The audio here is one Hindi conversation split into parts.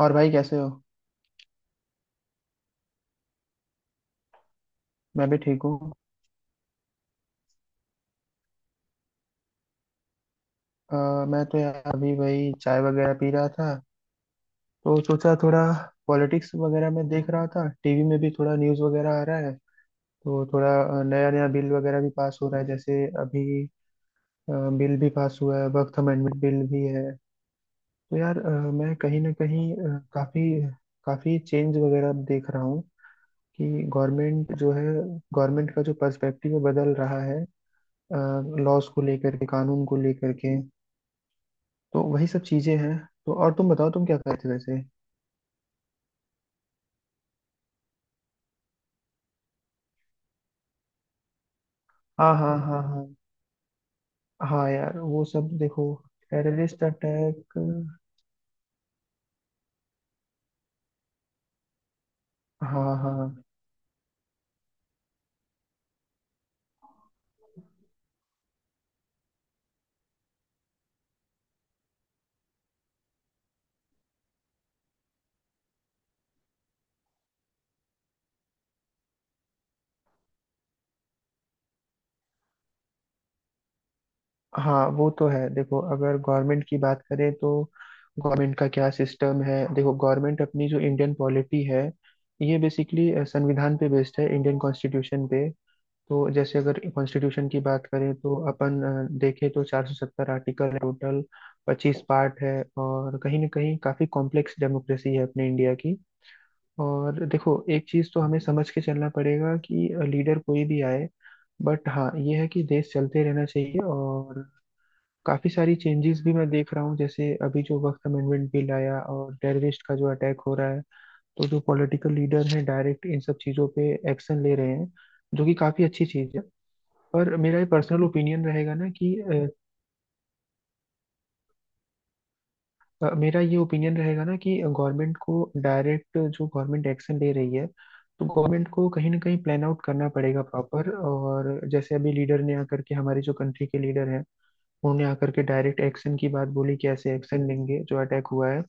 और भाई कैसे हो। मैं भी ठीक हूँ। अ, मैं तो यार अभी वही चाय वगैरह पी रहा था, तो सोचा थोड़ा पॉलिटिक्स वगैरह में देख रहा था। टीवी में भी थोड़ा न्यूज़ वगैरह आ रहा है, तो थोड़ा नया नया बिल वगैरह भी पास हो रहा है। जैसे अभी बिल भी पास हुआ है, वक्त अमेंडमेंट बिल भी है। तो यार मैं कहीं ना कहीं काफी काफी चेंज वगैरह अब देख रहा हूँ कि गवर्नमेंट जो है, गवर्नमेंट का जो पर्सपेक्टिव बदल रहा है, लॉज को लेकर के, कानून को लेकर के। तो वही सब चीजें हैं। तो और तुम बताओ, तुम क्या कर रहे थे वैसे। हाँ हाँ हाँ हाँ। हाँ यार वो सब देखो, टेररिस्ट अटैक। हाँ हाँ। हाँ वो तो है, देखो अगर गवर्नमेंट की बात करें तो गवर्नमेंट का क्या सिस्टम है, देखो गवर्नमेंट अपनी जो इंडियन पॉलिटी है, ये बेसिकली संविधान पे बेस्ड है, इंडियन कॉन्स्टिट्यूशन पे। तो जैसे अगर कॉन्स्टिट्यूशन की बात करें तो अपन देखें तो 470 आर्टिकल है टोटल, 25 पार्ट है। और कहीं ना कहीं काफ़ी कॉम्प्लेक्स डेमोक्रेसी है अपने इंडिया की। और देखो एक चीज़ तो हमें समझ के चलना पड़ेगा कि लीडर कोई भी आए, बट हाँ ये है कि देश चलते रहना चाहिए। और काफ़ी सारी चेंजेस भी मैं देख रहा हूँ, जैसे अभी जो वक्त अमेंडमेंट बिल आया और टेररिस्ट का जो अटैक हो रहा है, तो जो पॉलिटिकल लीडर हैं डायरेक्ट इन सब चीज़ों पे एक्शन ले रहे हैं, जो कि काफ़ी अच्छी चीज़ है। पर मेरा ये पर्सनल ओपिनियन रहेगा ना कि मेरा ये ओपिनियन रहेगा ना कि गवर्नमेंट को, डायरेक्ट जो गवर्नमेंट एक्शन ले रही है, तो गवर्नमेंट को कहीं ना कहीं प्लान आउट करना पड़ेगा प्रॉपर। और जैसे अभी लीडर ने आकर के, हमारे जो कंट्री के लीडर हैं, उन्होंने आकर के डायरेक्ट एक्शन की बात बोली कि ऐसे एक्शन लेंगे जो अटैक हुआ है।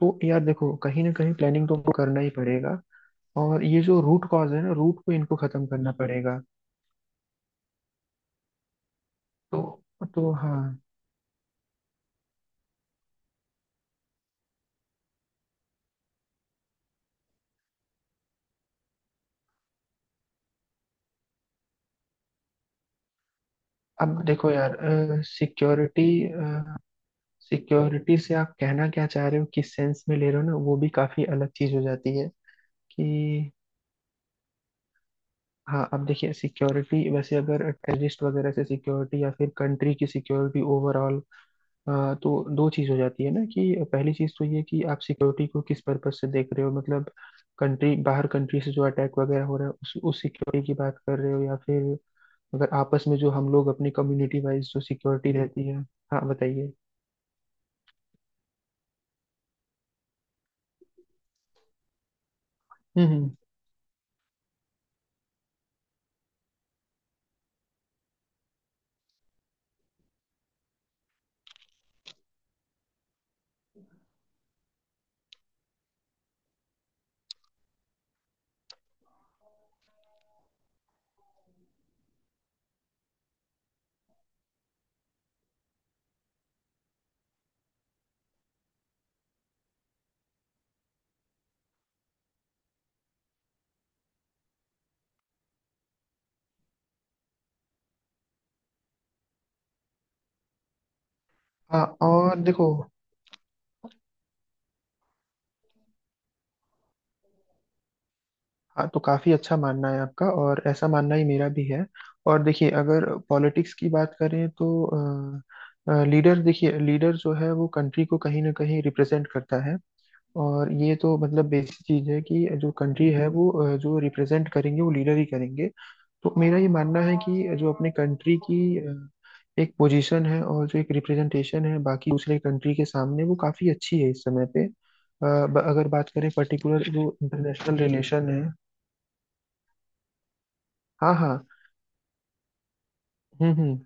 तो यार देखो कहीं ना कहीं प्लानिंग तो उनको करना ही पड़ेगा। और ये जो रूट कॉज है ना, रूट को इनको खत्म करना पड़ेगा। तो। तो हाँ, अब देखो यार, सिक्योरिटी सिक्योरिटी से आप कहना क्या चाह रहे हो, किस सेंस में ले रहे हो ना, वो भी काफी अलग चीज हो जाती है कि। हाँ अब देखिए, सिक्योरिटी वैसे अगर टेररिस्ट वगैरह से सिक्योरिटी, या फिर कंट्री की सिक्योरिटी ओवरऑल, तो दो चीज हो जाती है ना, कि पहली चीज तो ये कि आप सिक्योरिटी को किस पर्पज से देख रहे हो, मतलब कंट्री बाहर, कंट्री से जो अटैक वगैरह हो रहा है उस सिक्योरिटी की बात कर रहे हो, या फिर अगर आपस में जो हम लोग अपनी कम्युनिटी वाइज जो सिक्योरिटी रहती है। हाँ बताइए। हम्म। हाँ और देखो। हाँ, तो काफी अच्छा मानना है आपका और ऐसा मानना ही मेरा भी है। और देखिए अगर पॉलिटिक्स की बात करें तो लीडर, देखिए लीडर जो है वो कंट्री को कहीं ना कहीं रिप्रेजेंट करता है। और ये तो मतलब बेसिक चीज है कि जो कंट्री है वो जो रिप्रेजेंट करेंगे वो लीडर ही करेंगे। तो मेरा ये मानना है कि जो अपने कंट्री की एक पोजीशन है और जो एक रिप्रेजेंटेशन है बाकी दूसरे कंट्री के सामने, वो काफी अच्छी है इस समय पे। अगर बात करें पर्टिकुलर जो इंटरनेशनल रिलेशन है। हाँ हाँ। हम्म।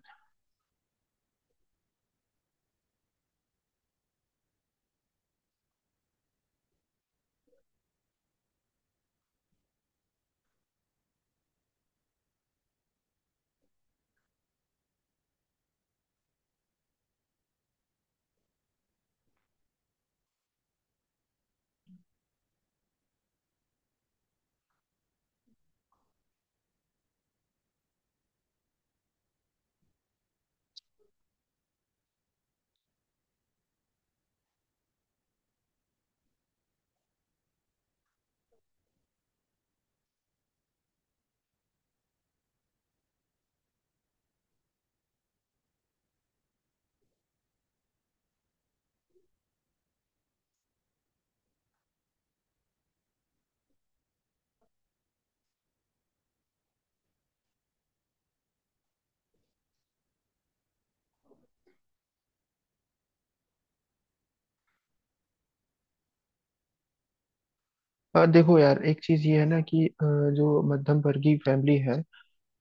देखो यार एक चीज ये है ना कि जो मध्यम वर्गीय फैमिली है,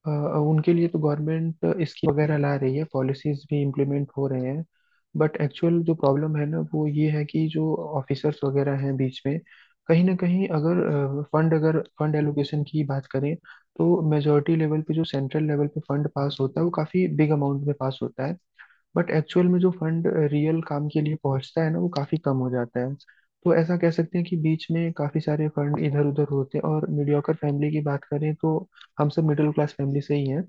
उनके लिए तो गवर्नमेंट स्कीम वगैरह ला रही है, पॉलिसीज भी इम्प्लीमेंट हो रहे हैं। बट एक्चुअल जो प्रॉब्लम है ना, वो ये है कि जो ऑफिसर्स वगैरह हैं बीच में, कहीं ना कहीं अगर फंड, अगर फंड एलोकेशन की बात करें, तो मेजोरिटी लेवल पे, जो सेंट्रल लेवल पे फंड पास होता है, वो काफ़ी बिग अमाउंट में पास होता है। बट एक्चुअल में जो फंड रियल काम के लिए पहुंचता है ना, वो काफी कम हो जाता है। तो ऐसा कह सकते हैं कि बीच में काफी सारे फंड इधर उधर होते हैं। और मीडियोकर फैमिली की बात करें तो हम सब मिडिल क्लास फैमिली से ही हैं।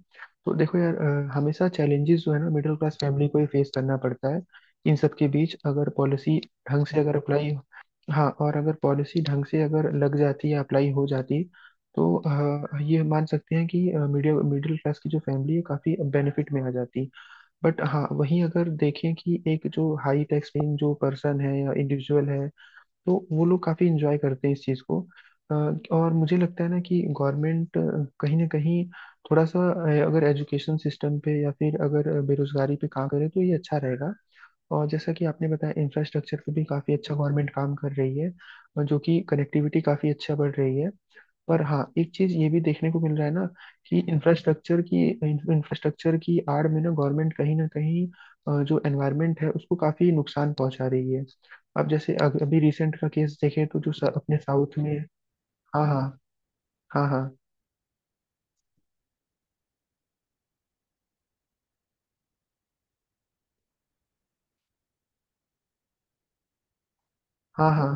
तो देखो यार हमेशा चैलेंजेस जो है ना, मिडिल क्लास फैमिली को ही फेस करना पड़ता है। इन सब के बीच अगर पॉलिसी ढंग से अगर अप्लाई। हाँ और अगर पॉलिसी ढंग से अगर लग जाती या अप्लाई हो जाती, तो ये मान सकते हैं कि मीडियम मिडिल क्लास की जो फैमिली है काफ़ी बेनिफिट में आ जाती। बट हाँ वहीं अगर देखें कि एक जो हाई टैक्स पेइंग जो पर्सन है या इंडिविजुअल है, तो वो लोग काफी इंजॉय करते हैं इस चीज को। अ, और मुझे लगता है ना कि गवर्नमेंट कहीं ना कहीं थोड़ा सा अगर एजुकेशन सिस्टम पे, या फिर अगर बेरोजगारी पे काम करे तो ये अच्छा रहेगा। और जैसा कि आपने बताया, इंफ्रास्ट्रक्चर पे भी काफी अच्छा गवर्नमेंट काम कर रही है। और जो कि कनेक्टिविटी काफी अच्छा बढ़ रही है। पर हाँ एक चीज ये भी देखने को मिल रहा है ना, कि इंफ्रास्ट्रक्चर की आड़ में ना गवर्नमेंट कहीं ना कहीं जो एनवायरनमेंट है उसको काफी नुकसान पहुंचा रही है। अब जैसे अभी रिसेंट का केस देखें तो जो अपने साउथ में। हाँ हाँ। हाँ हाँ। हाँ हाँ।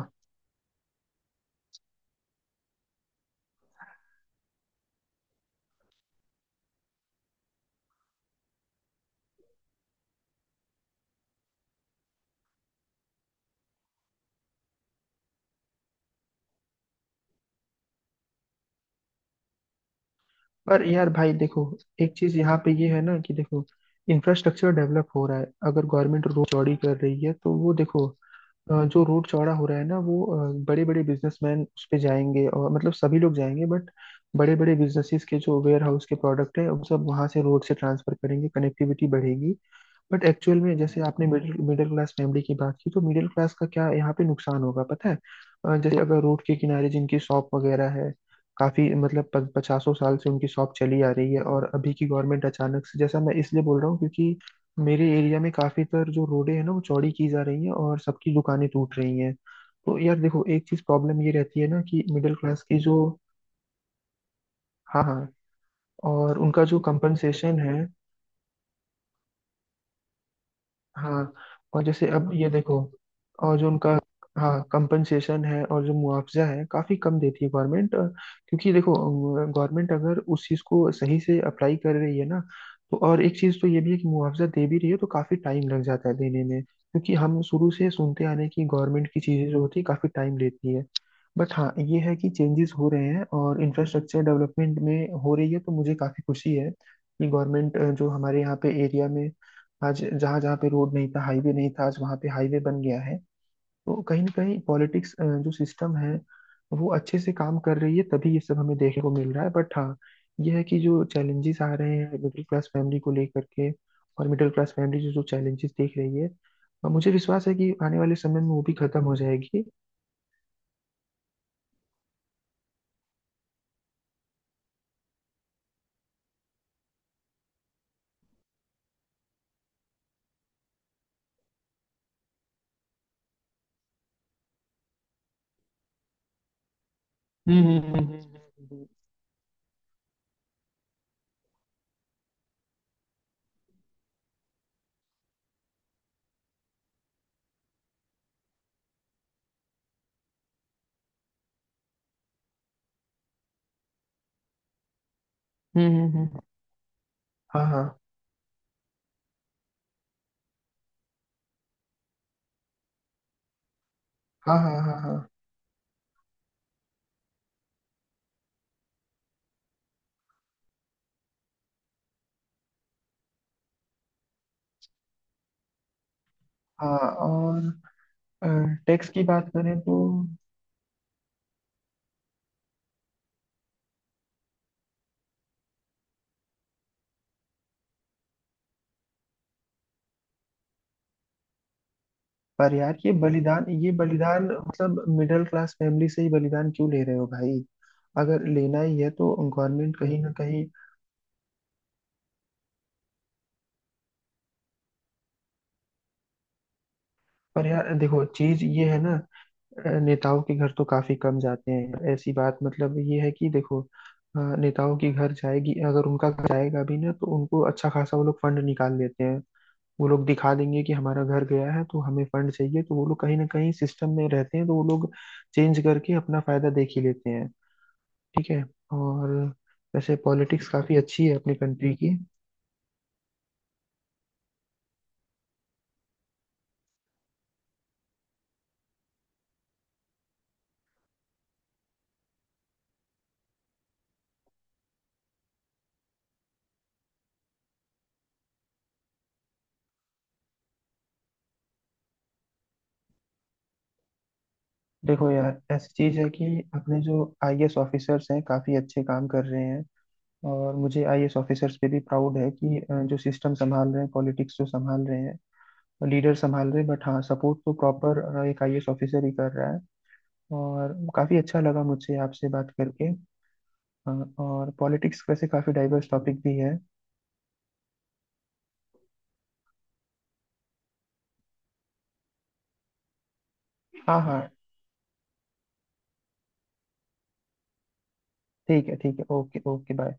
पर यार भाई देखो, एक चीज यहाँ पे ये है ना कि देखो इंफ्रास्ट्रक्चर डेवलप हो रहा है, अगर गवर्नमेंट रोड चौड़ी कर रही है तो वो देखो जो रोड चौड़ा हो रहा है ना, वो बड़े बड़े बिजनेसमैन उस पे जाएंगे और मतलब सभी लोग जाएंगे, बट बड़े बड़े बिजनेसेस के जो वेयर हाउस के प्रोडक्ट है वो सब वहां से रोड से ट्रांसफर करेंगे, कनेक्टिविटी बढ़ेगी। बट एक्चुअल में जैसे आपने मिडिल मिडिल क्लास फैमिली की बात की तो मिडिल क्लास का क्या यहाँ पे नुकसान होगा पता है। जैसे अगर रोड के किनारे जिनकी शॉप वगैरह है, काफी मतलब पचासों साल से उनकी शॉप चली आ रही है, और अभी की गवर्नमेंट अचानक से, जैसा मैं इसलिए बोल रहा हूँ क्योंकि मेरे एरिया में काफी तर जो रोडें हैं ना वो चौड़ी की जा रही है और सबकी दुकानें टूट रही हैं। तो यार देखो एक चीज प्रॉब्लम ये रहती है ना कि मिडिल क्लास की जो। हाँ हाँ। और उनका जो कंपनसेशन है। हाँ। और जैसे अब ये देखो, और जो उनका, हाँ कंपनसेशन है और जो मुआवजा है काफी कम देती है गवर्नमेंट, क्योंकि देखो गवर्नमेंट अगर उस चीज को सही से अप्लाई कर रही है ना, तो और एक चीज तो ये भी है कि मुआवजा दे भी रही है तो काफी टाइम लग जाता है देने में, क्योंकि हम शुरू से सुनते आ रहे हैं कि गवर्नमेंट की चीजें जो होती है काफी टाइम लेती है। बट हाँ ये है कि चेंजेस हो रहे हैं और इंफ्रास्ट्रक्चर डेवलपमेंट में हो रही है, तो मुझे काफी खुशी है कि गवर्नमेंट जो हमारे यहाँ पे एरिया में, आज जहाँ जहाँ पे रोड नहीं था, हाईवे नहीं था, आज वहाँ पे हाईवे बन गया है। तो कहीं ना कहीं पॉलिटिक्स जो सिस्टम है वो अच्छे से काम कर रही है, तभी ये सब हमें देखने को मिल रहा है। बट हाँ ये है कि जो चैलेंजेस आ रहे हैं मिडिल क्लास फैमिली को लेकर के, और मिडिल क्लास फैमिली जो जो चैलेंजेस देख रही है, और मुझे विश्वास है कि आने वाले समय में वो भी खत्म हो जाएगी। हम्म। हम्म, हम्म, हम्म, हम्म। हाँ हाँ हाँ हाँ हाँ हाँ हाँ। और टैक्स की बात करें तो। पर यार ये बलिदान, ये बलिदान मतलब मिडिल क्लास फैमिली से ही बलिदान क्यों ले रहे हो भाई, अगर लेना ही है तो गवर्नमेंट कहीं ना कहीं। पर यार देखो चीज ये है ना, नेताओं के घर तो काफी कम जाते हैं, ऐसी बात मतलब ये है कि देखो नेताओं के घर जाएगी, अगर उनका घर जाएगा भी ना तो उनको अच्छा खासा, वो लोग फंड निकाल लेते हैं, वो लोग दिखा देंगे कि हमारा घर गया है तो हमें फंड चाहिए, तो वो लोग कहीं ना कहीं सिस्टम में रहते हैं, तो वो लोग चेंज करके अपना फायदा देख ही लेते हैं। ठीक है। और वैसे पॉलिटिक्स काफ़ी अच्छी है अपनी कंट्री की। देखो यार ऐसी चीज़ है कि अपने जो आईएएस ऑफिसर्स हैं काफ़ी अच्छे काम कर रहे हैं। और मुझे आईएएस ऑफिसर्स पे भी प्राउड है कि जो सिस्टम संभाल रहे हैं, पॉलिटिक्स जो संभाल रहे हैं, लीडर संभाल रहे हैं, बट हाँ सपोर्ट तो प्रॉपर एक आईएएस ऑफिसर ही कर रहा है। और काफ़ी अच्छा लगा मुझे आपसे बात करके। अ, और पॉलिटिक्स वैसे काफ़ी डाइवर्स टॉपिक भी है। हाँ हाँ। ठीक है, ठीक है, ओके ओके, बाय।